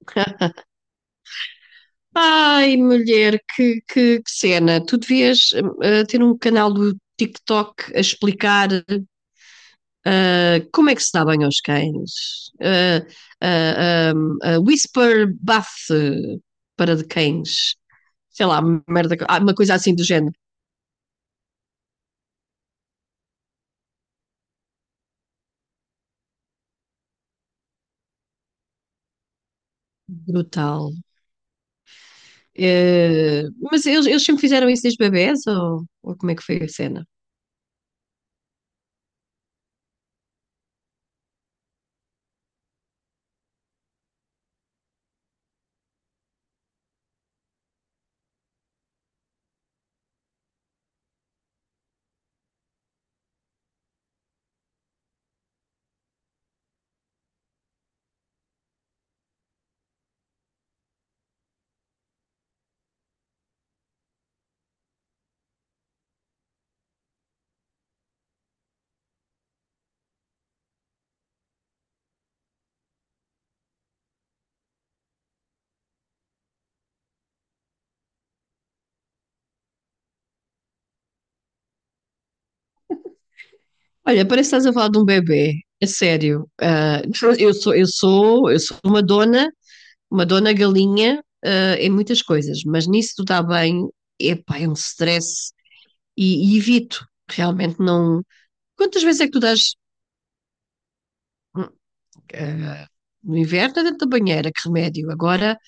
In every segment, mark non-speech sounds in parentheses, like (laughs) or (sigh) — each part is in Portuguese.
(laughs) Ai, mulher, que cena. Tu devias ter um canal do TikTok a explicar, como é que se dá banho aos cães. Whisper bath para de cães. Sei lá, merda, uma coisa assim do género. Brutal. Eh, mas eles sempre fizeram isso desde bebés, ou como é que foi a cena? Olha, parece que estás a falar de um bebê. É sério. Eu sou uma dona galinha, em muitas coisas, mas nisso do dar bem, epá, é um stress e evito. Realmente não. Quantas vezes é que tu dás? hum, ah, no inverno é dentro da banheira? Que remédio? Agora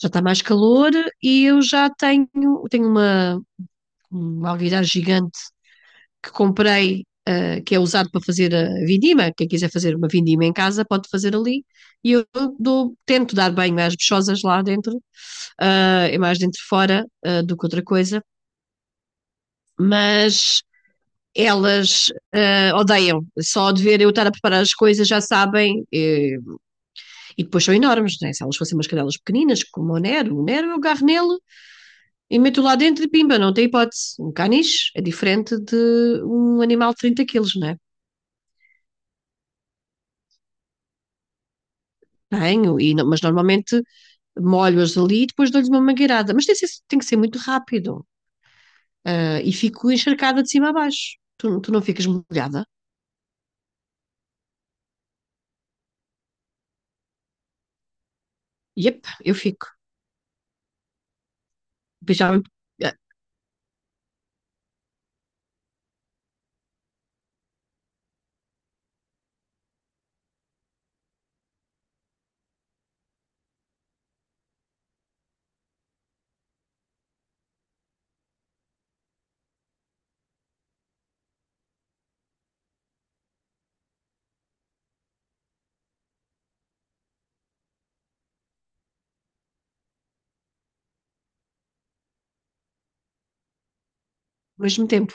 já está mais calor e eu tenho uma alguidar gigante que comprei, que é usado para fazer a vindima. Quem quiser fazer uma vindima em casa pode fazer ali. E eu dou, tento dar banho às bichosas lá dentro. É mais dentro fora do que outra coisa, mas elas odeiam. Só de ver eu estar a preparar as coisas já sabem. E depois são enormes, né? Se elas fossem umas cadelas pequeninas, como o Nero eu agarro nele e meto lá dentro e pimba, não tem hipótese. Um caniche é diferente de um animal de 30 quilos, não é? Tenho, mas normalmente molho-as ali e depois dou-lhes uma mangueirada. Mas tem que ser muito rápido. Ah, e fico encharcada de cima a baixo. Tu não ficas molhada? Yep, eu fico. Beijava ao mesmo tempo.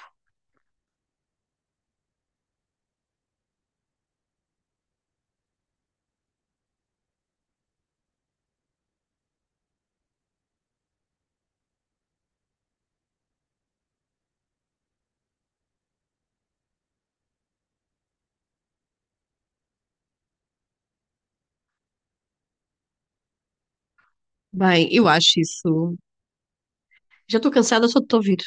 Bem, eu acho isso. Já estou cansada só de te ouvir.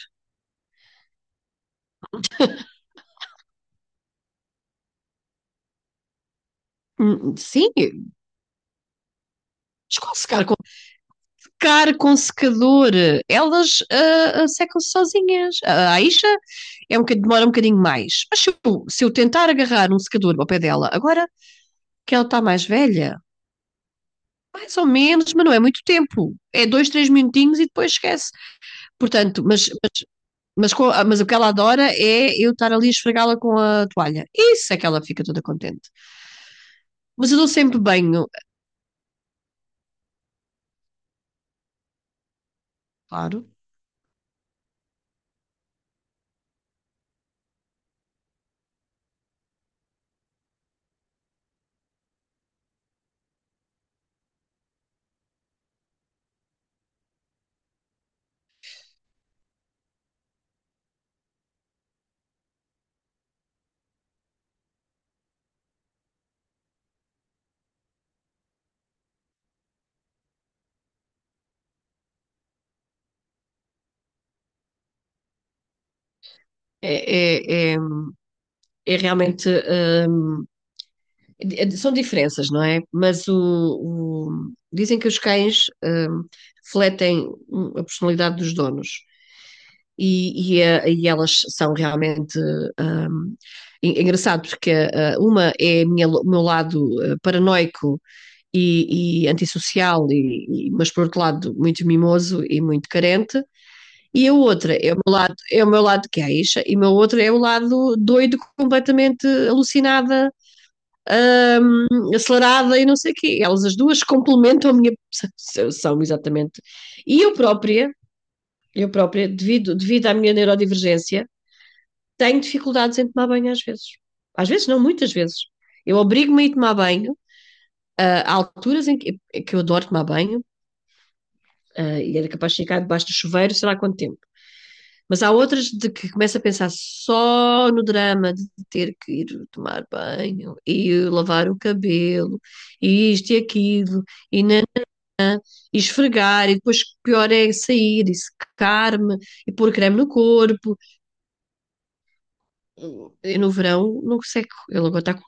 Sim, desconsecar com, secar com secador. Elas secam-se sozinhas. A Aisha demora um bocadinho mais. Mas se eu tentar agarrar um secador ao pé dela, agora que ela está mais velha, mais ou menos, mas não é muito tempo. É dois, três minutinhos e depois esquece. Portanto, mas o que ela adora é eu estar ali a esfregá-la com a toalha. Isso é que ela fica toda contente. Mas eu dou sempre banho, claro. É, é, é, é realmente. É, são diferenças, não é? Mas dizem que os cães, refletem, a personalidade dos donos. E elas são realmente um, engraçado, porque uma é o meu lado, paranoico e antissocial, mas por outro lado muito mimoso e muito carente, e a outra é o meu lado, é o meu lado queixa, e o meu outro é o lado doido, completamente alucinada, acelerada e não sei o quê. Elas as duas complementam a minha, são exatamente. E eu própria, eu própria, devido à minha neurodivergência, tenho dificuldades em tomar banho às vezes. Às vezes não, muitas vezes. Eu obrigo-me a ir tomar banho, há alturas que eu adoro tomar banho, e era capaz de ficar debaixo do chuveiro, sei lá quanto tempo. Mas há outras de que começo a pensar só no drama de ter que ir tomar banho e lavar o cabelo e isto e aquilo e, na- e esfregar, e depois pior é sair e secar-me e pôr creme no corpo. Eu no verão não seco, ele agora está com,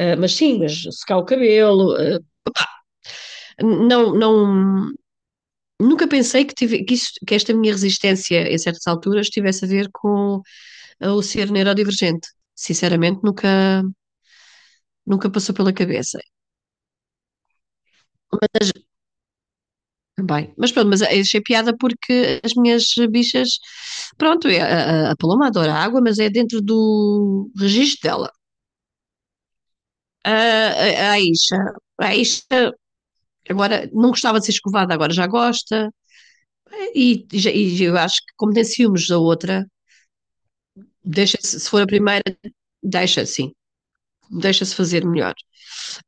Mas sim, mas secar o cabelo, não, nunca pensei que, tive, que, isso que, esta minha resistência em certas alturas tivesse a ver com, o ser neurodivergente. Sinceramente, nunca passou pela cabeça também. Mas pronto, mas achei piada porque as minhas bichas, pronto, é, a Paloma adora água, mas é dentro do registro dela. A, a, a Isha, a Isha agora não gostava de ser escovada, agora já gosta, e, e, e eu acho que como tem ciúmes da outra, deixa-se, se for a primeira, deixa, sim. Deixa-se fazer melhor.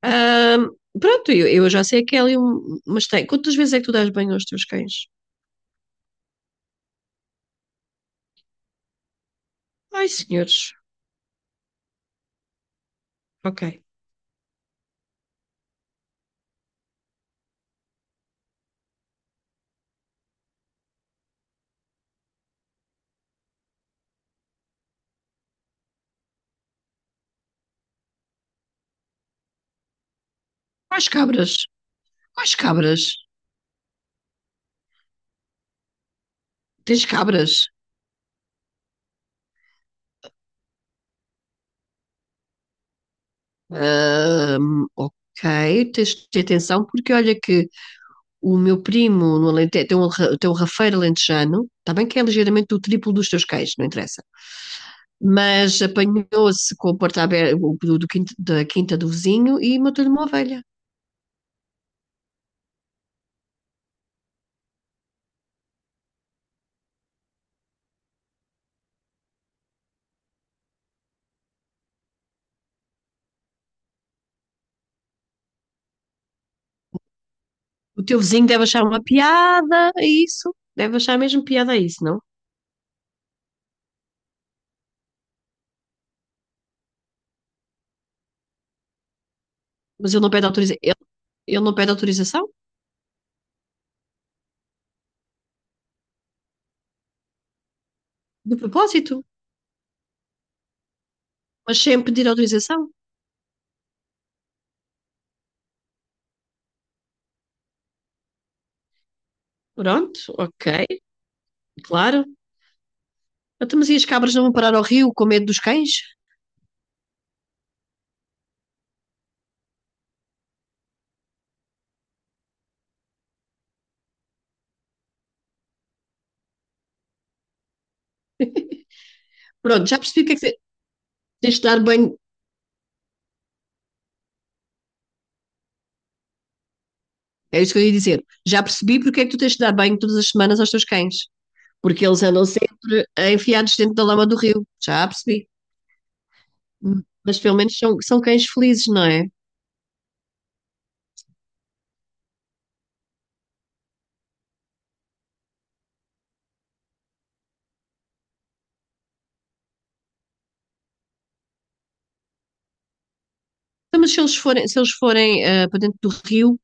Ahm, Pronto, eu já sei que é ali um. Mas tem. Quantas vezes é que tu dás banho aos teus cães? Ai, senhores. Ok. Quais cabras? Quais cabras? Tens cabras? Ok, tens de ter atenção, porque olha que o meu primo no Alentejo tem um, tem um rafeiro alentejano. Está bem que é ligeiramente o triplo dos teus cães, não interessa, mas apanhou-se com a porta aberta do, da quinta do vizinho e matou-lhe uma ovelha. O teu vizinho deve achar uma piada a isso, deve achar mesmo piada a isso, não? Mas ele não pede autorização, ele não pede autorização, de propósito, mas sem pedir autorização. Pronto, ok, claro. Até mas e as cabras não vão parar ao rio com medo dos cães? Pronto, já percebi o que é que tens de dar banho, é isso que eu ia dizer, já percebi porque é que tu tens de dar banho todas as semanas aos teus cães, porque eles andam sempre enfiados dentro da lama do rio, já percebi. Mas pelo menos são, são cães felizes, não é? Então, se eles forem, para dentro do rio,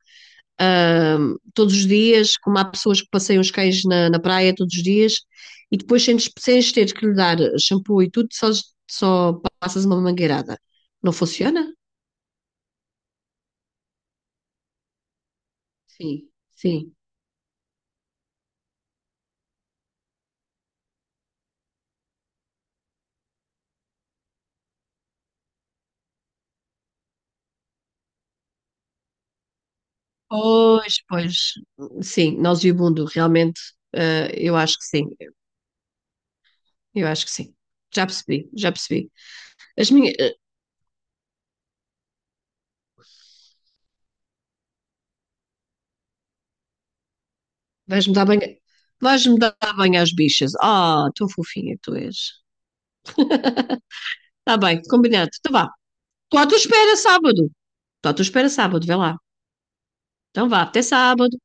ah, todos os dias, como há pessoas que passeiam os cães na, na praia todos os dias, e depois sem lhes teres que lhe dar shampoo e tudo, só, só passas uma mangueirada. Não funciona? Sim, sim. Pois, pois. Sim, nauseabundo, realmente, eu acho que sim. Eu acho que sim. Já percebi, já percebi. As minhas, vais-me dar bem, vais-me dar bem às bichas. Ah, tão fofinha que tu és. Está bem, combinado. Então vá. Estou à tua espera sábado. Estou à tua espera sábado, vê lá. Então vá, até sábado.